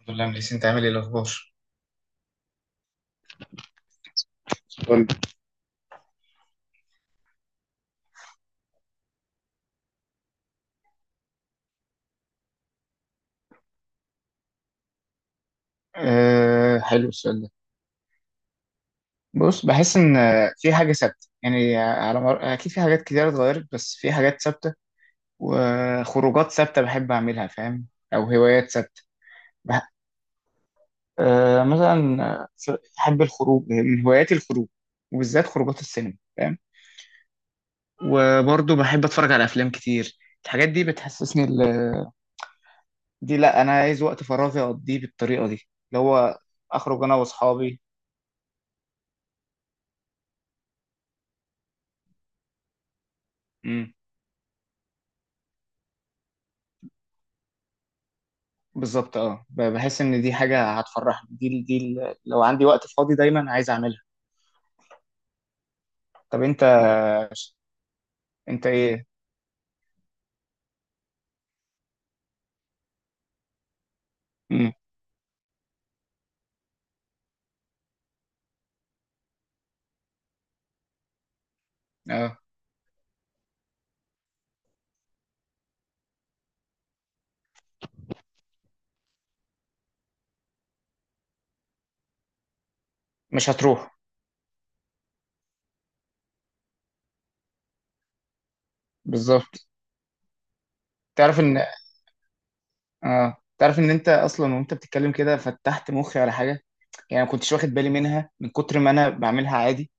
الحمد لله مليسي، انت عامل ايه؟ الاخبار؟ قول. أه، حلو السؤال ده. بص، بحس ان في حاجه ثابته، يعني اكيد في حاجات كتير اتغيرت، بس في حاجات ثابته وخروجات ثابته بحب اعملها، فاهم؟ او هوايات ثابته. بح... مثلا بحب الخروج. من هواياتي الخروج، وبالذات خروجات السينما، فاهم؟ وبرضه بحب اتفرج على افلام كتير. الحاجات دي بتحسسني دي، لا، انا عايز وقت فراغي اقضيه بالطريقه دي، اللي هو اخرج انا واصحابي. بالظبط. اه، بحس ان دي حاجه هتفرحني. لو عندي وقت فاضي دايما عايز اعملها. طب انت، انت ايه؟ امم. اه، مش هتروح. بالظبط. تعرف ان اه تعرف ان انت اصلا وانت بتتكلم كده فتحت مخي على حاجه، يعني ما كنتش واخد بالي منها من كتر ما انا بعملها عادي.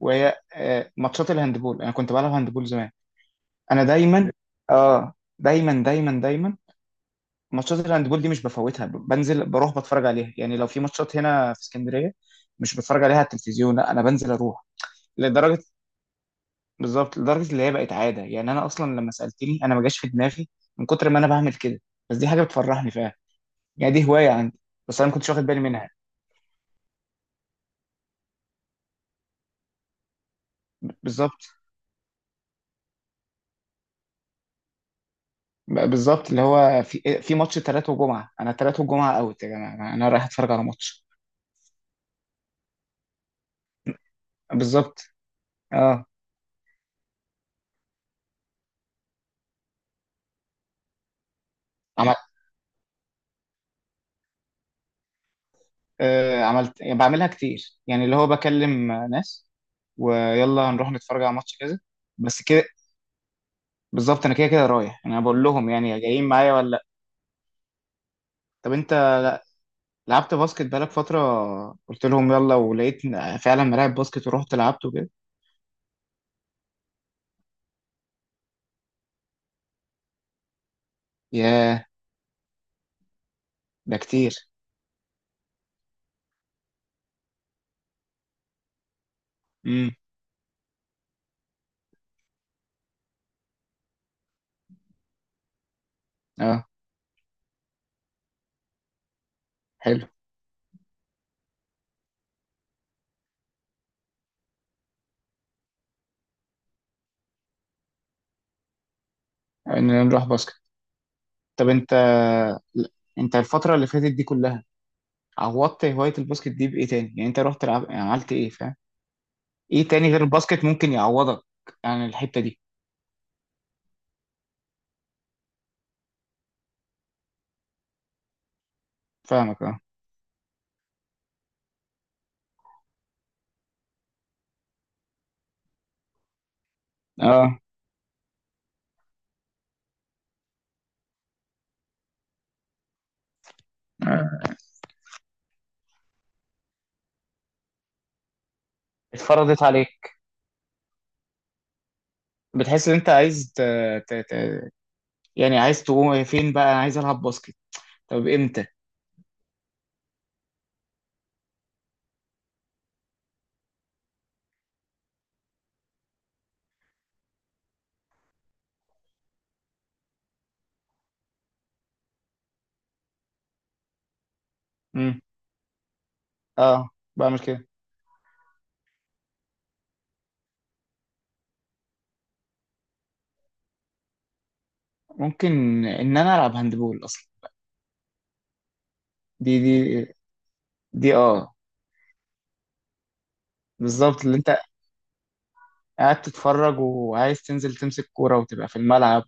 وهي ماتشات الهاندبول، انا كنت بلعب هاندبول زمان. انا دايما، اه دايما دايما دايما، ماتشات الهاندبول دي مش بفوتها. بنزل بروح بتفرج عليها. يعني لو في ماتشات هنا في اسكندريه، مش بتفرج عليها على التلفزيون، لا، انا بنزل اروح. لدرجه بالظبط، لدرجه اللي هي بقت عاده. يعني انا اصلا لما سالتني انا ما جاش في دماغي من كتر ما انا بعمل كده، بس دي حاجه بتفرحني فعلا، يعني دي هوايه عندي، بس انا ما كنتش واخد بالي منها. بالظبط. بالظبط، اللي هو في ماتش ثلاثة وجمعه، انا ثلاثة وجمعه اوت يا جماعه، انا رايح اتفرج على ماتش. بالظبط، اه. آه، عملت يعني بعملها كتير، يعني اللي هو بكلم ناس، ويلا نروح نتفرج على ماتش كذا. بس كده. بالظبط، انا كده كده رايح، يعني انا بقول لهم يعني جايين معايا ولا لا. طب انت، لعبت باسكت بقالك فترة، قلت لهم يلا، ولقيت فعلا ملاعب باسكت ورحت لعبت وكده؟ ياه. ده كتير. امم. اه، حلو اننا نروح باسكت. طب انت، انت الفترة اللي فاتت دي كلها، عوضت هواية الباسكت دي بإيه تاني؟ يعني انت يعني عملت ايه، فاهم؟ ايه تاني غير الباسكت ممكن يعوضك عن الحتة دي؟ فاهمك. اه. اه. آه. اتفرضت عليك. بتحس ان انت عايز ت... ت... يعني عايز تقوم فين بقى؟ انا عايز العب باسكت. طب امتى؟ امم. اه، بعمل كده. ممكن ان انا العب هاندبول اصلا. دي. دي. دي. اه، بالظبط، اللي انت قاعد تتفرج وعايز تنزل تمسك كورة وتبقى في الملعب.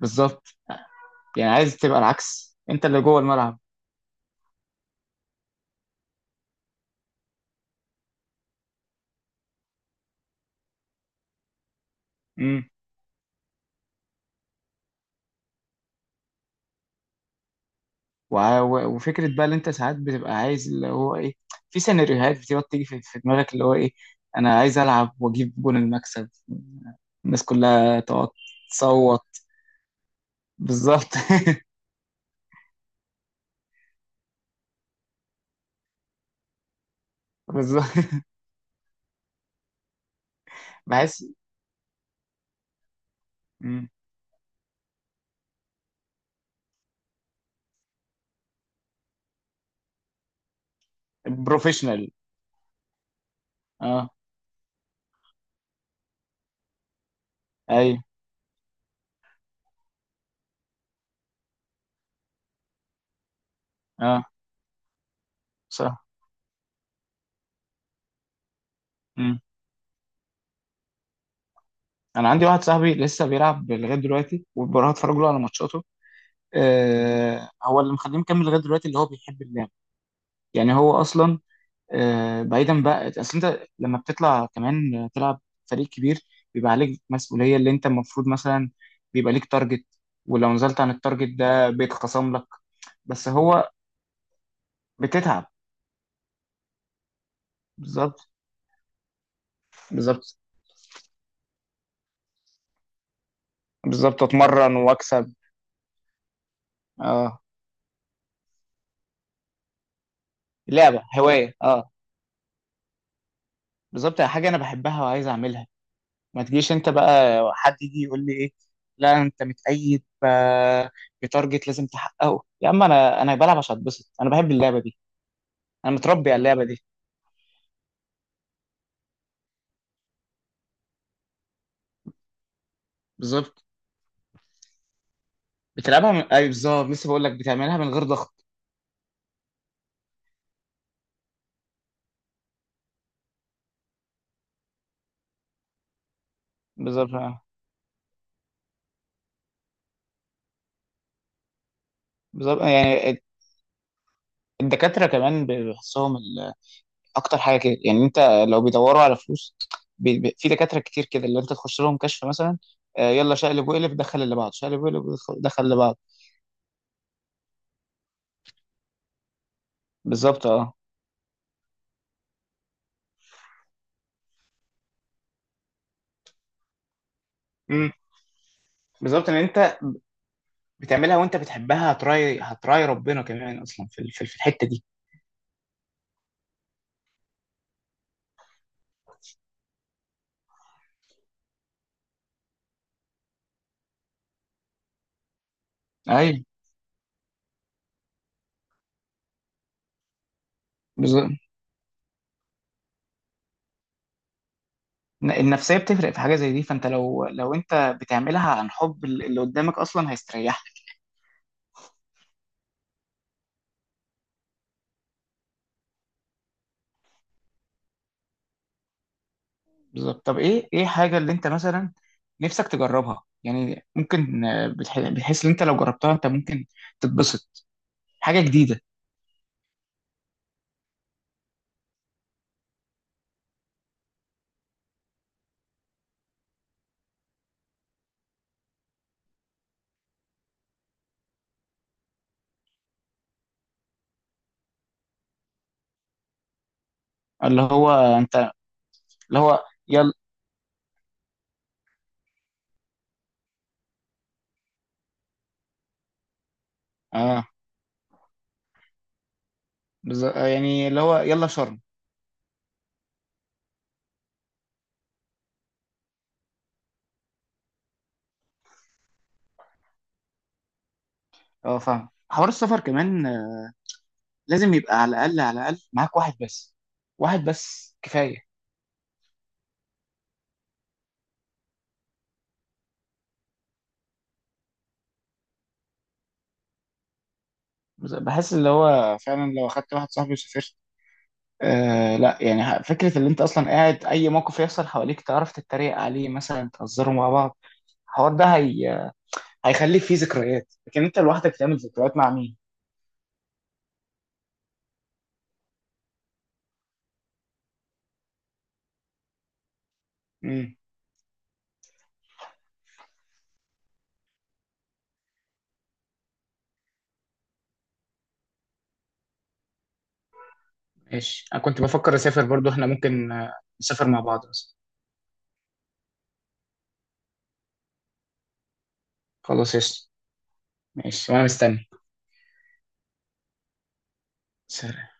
بالظبط. يعني عايز تبقى العكس، انت اللي جوه الملعب. وفكرة بقى اللي انت ساعات بتبقى عايز، اللي هو ايه، في سيناريوهات بتبقى بتيجي في دماغك، اللي هو ايه، انا عايز العب واجيب جون المكسب، الناس كلها تقعد تصوت. بالظبط. بالظبط. بحس. مم. بروفيشنال. اه. ايوه. اه. صح. مم. انا عندي واحد صاحبي لسه بيلعب لغايه دلوقتي، وبروح اتفرج له على ماتشاته. هو اللي مخليه مكمل لغايه دلوقتي، اللي هو بيحب اللعب. يعني هو اصلا بعيدا بقى، اصل انت لما بتطلع كمان تلعب فريق كبير بيبقى عليك مسؤوليه، اللي انت المفروض مثلا بيبقى ليك تارجت، ولو نزلت عن التارجت ده بيتخصم لك. بس هو بتتعب. بالظبط. بالظبط. بالظبط، اتمرن واكسب. اه. لعبه، هوايه، اه، بالظبط، حاجه انا بحبها وعايز اعملها. ما تجيش انت بقى حد يجي يقول لي ايه، لا انت متقيد بتارجت لازم تحققه. يا عم انا بلعب عشان اتبسط، انا بحب اللعبه دي. انا متربي على اللعبه دي. بالظبط. بتلعبها من اي بالظبط، لسه بقول لك، بتعملها من غير ضغط. بالظبط، آه. بالظبط، يعني الدكاترة كمان بيحسهم اكتر حاجة كده. يعني انت، لو بيدوروا على فلوس، في دكاترة كتير كده اللي انت تخش لهم كشف مثلا، يلا شقلب وقلب دخل اللي بعض، شقلب وقلب دخل اللي بعض. بالظبط، اه. امم. بالظبط، ان انت بتعملها وانت بتحبها، هتراي هتراي ربنا كمان اصلا في الحتة دي. ايوه، بالظبط. النفسية بتفرق في حاجة زي دي. فانت لو انت بتعملها عن حب، اللي قدامك اصلا هيستريح. بالظبط. طب ايه، حاجه اللي انت مثلا نفسك تجربها؟ يعني ممكن بتحس ان انت لو جربتها انت ممكن تتبسط. حاجه جديده. اللي هو انت. اللي هو يلا. اه، بالظبط. يعني اللي هو يلا شرم. اه، فاهم. حوار السفر كمان، لازم يبقى على الاقل، على الاقل معاك واحد بس. واحد بس كفايه. بحس اللي هو فعلا لو اخدت واحد صاحبي وسافرت. لا يعني، فكره اللي انت اصلا قاعد اي موقف يحصل حواليك تعرف تتريق عليه، مثلا تهزروا مع بعض. الحوار ده، هيخلي فيه ذكريات، لكن انت لوحدك تعمل ذكريات مع مين؟ امم. ماشي. انا كنت بفكر اسافر برضو، احنا ممكن نسافر مع بعض بس. خلاص، يس. ماشي، وانا مستني. سلام.